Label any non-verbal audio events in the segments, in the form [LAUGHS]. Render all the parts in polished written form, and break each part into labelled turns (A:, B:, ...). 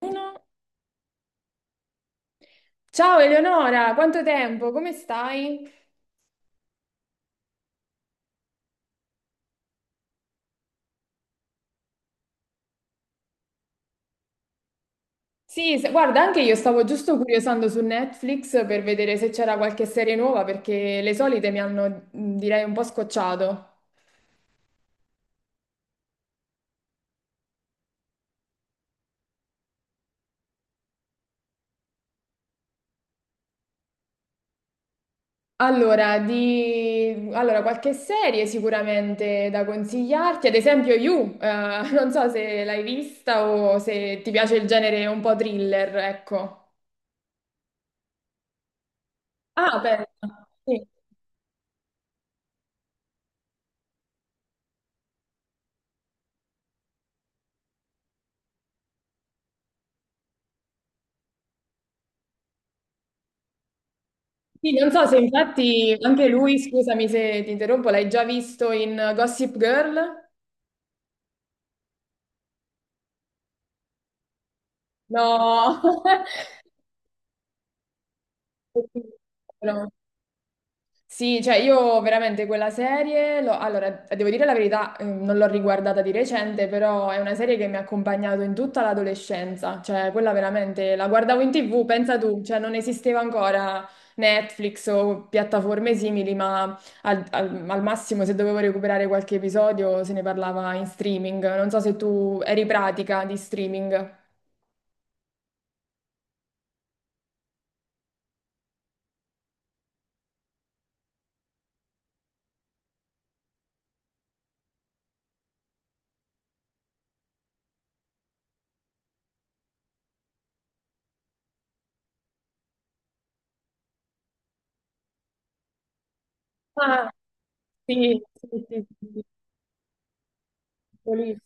A: Uno. Ciao Eleonora, quanto tempo? Come stai? Sì, guarda, anche io stavo giusto curiosando su Netflix per vedere se c'era qualche serie nuova perché le solite mi hanno, direi, un po' scocciato. Allora, qualche serie sicuramente da consigliarti, ad esempio You, [LAUGHS] non so se l'hai vista o se ti piace il genere un po' thriller, ecco. Ah, beh. Sì, non so se infatti anche lui, scusami se ti interrompo, l'hai già visto in Gossip Girl? No. [LAUGHS] No. Sì, cioè io veramente quella serie, allora devo dire la verità, non l'ho riguardata di recente, però è una serie che mi ha accompagnato in tutta l'adolescenza, cioè quella veramente la guardavo in TV, pensa tu, cioè non esisteva ancora Netflix o piattaforme simili, ma al massimo se dovevo recuperare qualche episodio se ne parlava in streaming. Non so se tu eri pratica di streaming. Ah, sì, sì, sì, sì, sì, bellissimo.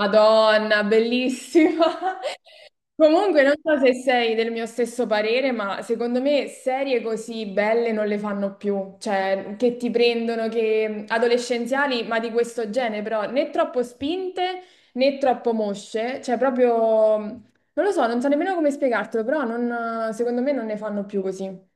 A: Madonna, bellissima! [LAUGHS] Comunque, non so se sei del mio stesso parere, ma secondo me serie così belle non le fanno più, cioè che ti prendono, che adolescenziali, ma di questo genere, però né troppo spinte né troppo mosce, cioè proprio, non lo so, non so nemmeno come spiegartelo, però secondo me non ne fanno più così.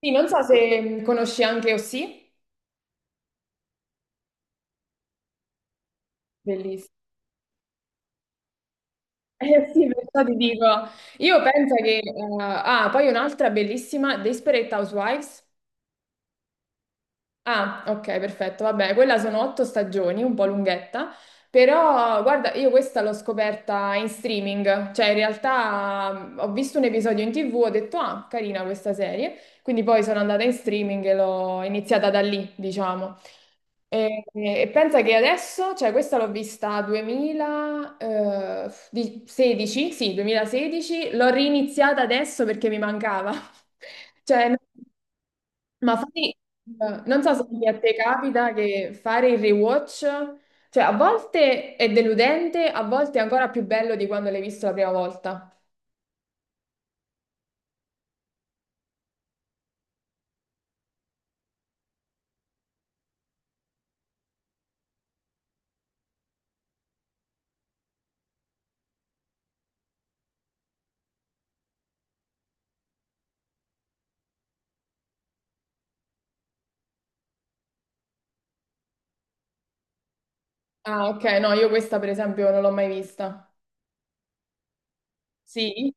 A: Sì, non so se conosci anche Osì. Bellissimo. [LAUGHS] Eh sì, perciò ti dico, io penso che, poi un'altra bellissima, Desperate Housewives. Ah, ok, perfetto. Vabbè, quella sono 8 stagioni, un po' lunghetta, però guarda, io questa l'ho scoperta in streaming, cioè in realtà ho visto un episodio in TV, ho detto, ah, carina questa serie, quindi poi sono andata in streaming e l'ho iniziata da lì, diciamo. E pensa che adesso, cioè questa l'ho vista 2016, sì, 2016, l'ho riniziata adesso perché mi mancava. [LAUGHS] Cioè, ma fai, non so se anche a te capita che fare il rewatch, cioè a volte è deludente, a volte è ancora più bello di quando l'hai visto la prima volta. Ah, ok, no, io questa per esempio non l'ho mai vista. Sì?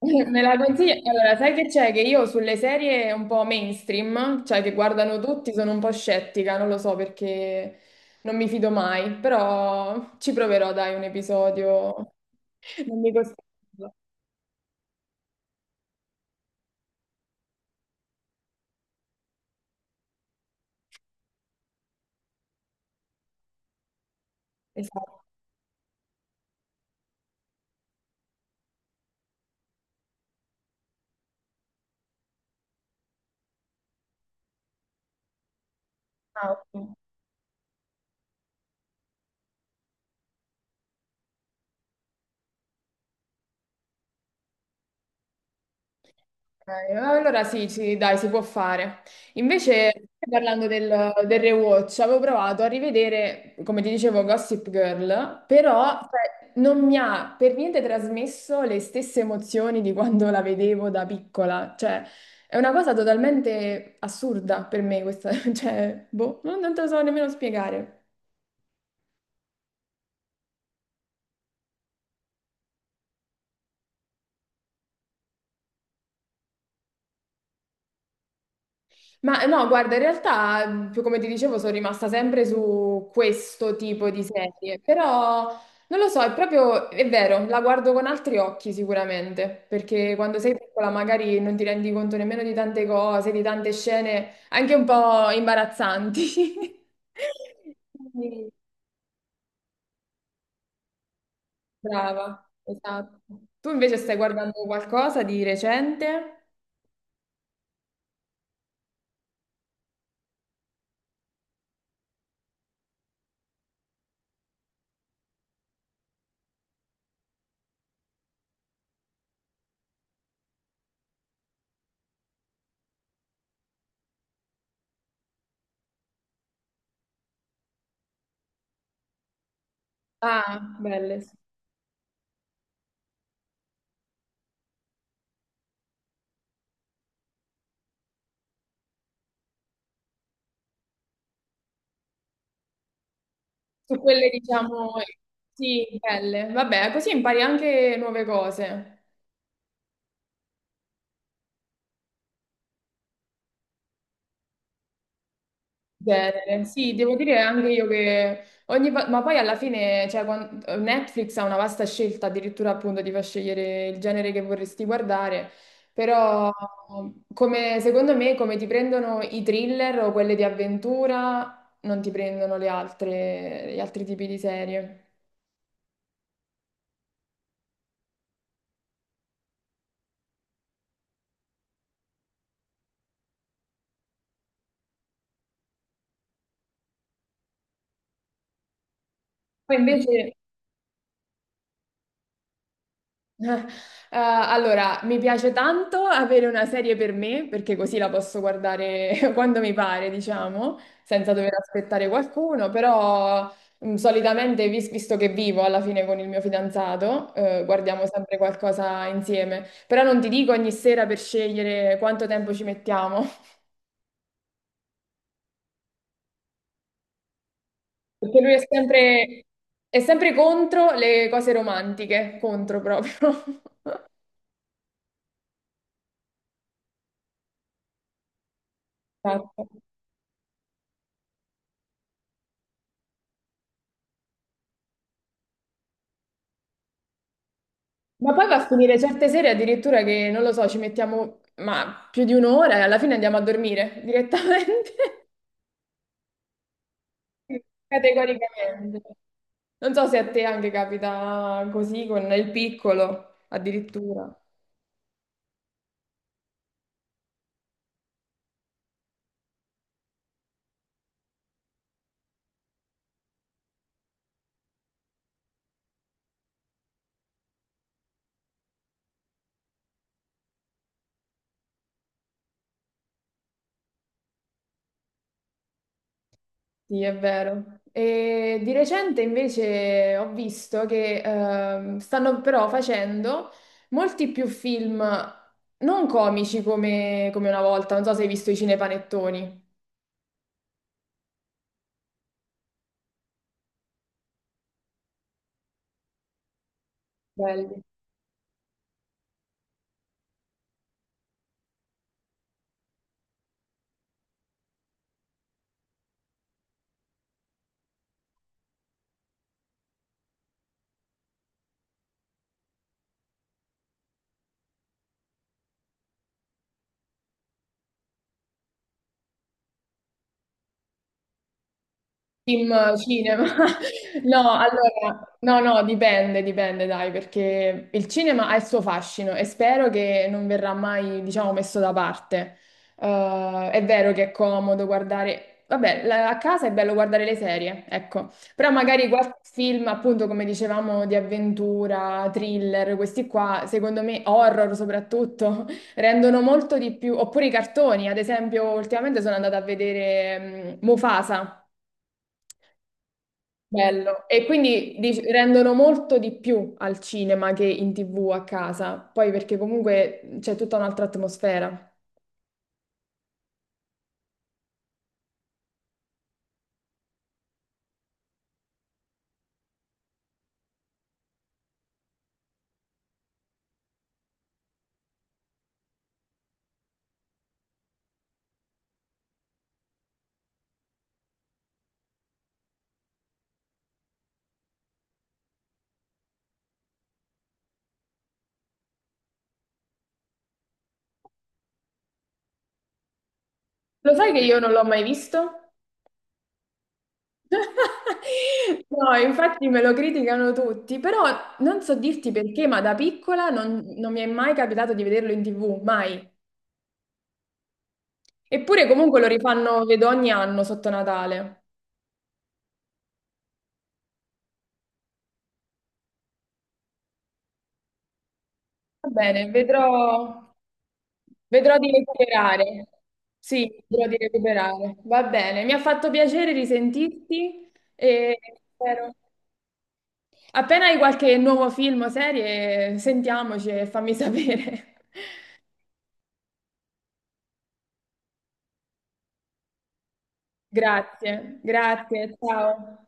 A: [LAUGHS] Me la consigli? Allora, sai che c'è? Che io sulle serie un po' mainstream, cioè che guardano tutti, sono un po' scettica, non lo so perché non mi fido mai, però ci proverò, dai, un episodio. [LAUGHS] Non mi costringo. Esatto. Ah, ok. Ok, allora sì, sì, dai, si può fare. Invece, parlando del rewatch, avevo provato a rivedere, come ti dicevo, Gossip Girl, però cioè, non mi ha per niente trasmesso le stesse emozioni di quando la vedevo da piccola. Cioè, è una cosa totalmente assurda per me questa, [LAUGHS] cioè, boh, non te lo so nemmeno spiegare. Ma no, guarda, in realtà, come ti dicevo, sono rimasta sempre su questo tipo di serie, però non lo so, è proprio, è vero, la guardo con altri occhi sicuramente, perché quando sei piccola magari non ti rendi conto nemmeno di tante cose, di tante scene anche un po' imbarazzanti. [LAUGHS] Quindi, brava, esatto. Tu invece stai guardando qualcosa di recente? Ah, belle. Sì. Su quelle, diciamo, sì, belle. Vabbè, così impari anche nuove cose. Genere. Sì, devo dire anche io che ogni ma poi alla fine, cioè, Netflix ha una vasta scelta, addirittura appunto ti fa scegliere il genere che vorresti guardare, però come, secondo me come ti prendono i thriller o quelle di avventura, non ti prendono le altre, gli altri tipi di serie. Poi invece eh, allora, mi piace tanto avere una serie per me, perché così la posso guardare [LAUGHS] quando mi pare, diciamo, senza dover aspettare qualcuno, però solitamente, visto che vivo alla fine con il mio fidanzato, guardiamo sempre qualcosa insieme. Però non ti dico ogni sera per scegliere quanto tempo ci mettiamo, [LAUGHS] perché lui è sempre contro le cose romantiche, contro proprio. [LAUGHS] Esatto. Ma poi va a finire certe sere addirittura che, non lo so, ci mettiamo ma più di un'ora e alla fine andiamo a dormire direttamente, [LAUGHS] categoricamente. Non so se a te anche capita così con il piccolo, addirittura. Sì, è vero. E di recente invece ho visto che stanno però facendo molti più film non comici come una volta. Non so se hai visto i cinepanettoni. Belli. Film, cinema. [LAUGHS] No, allora, no, no, dipende, dipende, dai, perché il cinema ha il suo fascino e spero che non verrà mai, diciamo, messo da parte. È vero che è comodo guardare, vabbè, a casa è bello guardare le serie, ecco, però magari qualche film, appunto, come dicevamo, di avventura, thriller, questi qua, secondo me, horror soprattutto, [LAUGHS] rendono molto di più, oppure i cartoni, ad esempio, ultimamente sono andata a vedere Mufasa. Bello. E quindi rendono molto di più al cinema che in TV a casa, poi perché comunque c'è tutta un'altra atmosfera. Lo sai che io non l'ho mai visto? [LAUGHS] No, infatti me lo criticano tutti, però non so dirti perché, ma da piccola non mi è mai capitato di vederlo in TV, mai. Eppure comunque lo rifanno, vedo ogni anno sotto Natale. Va bene, vedrò di recuperare. Sì, vedrò di recuperare. Va bene, mi ha fatto piacere risentirti e spero. Appena hai qualche nuovo film o serie, sentiamoci e fammi sapere. [LAUGHS] Grazie, grazie, ciao.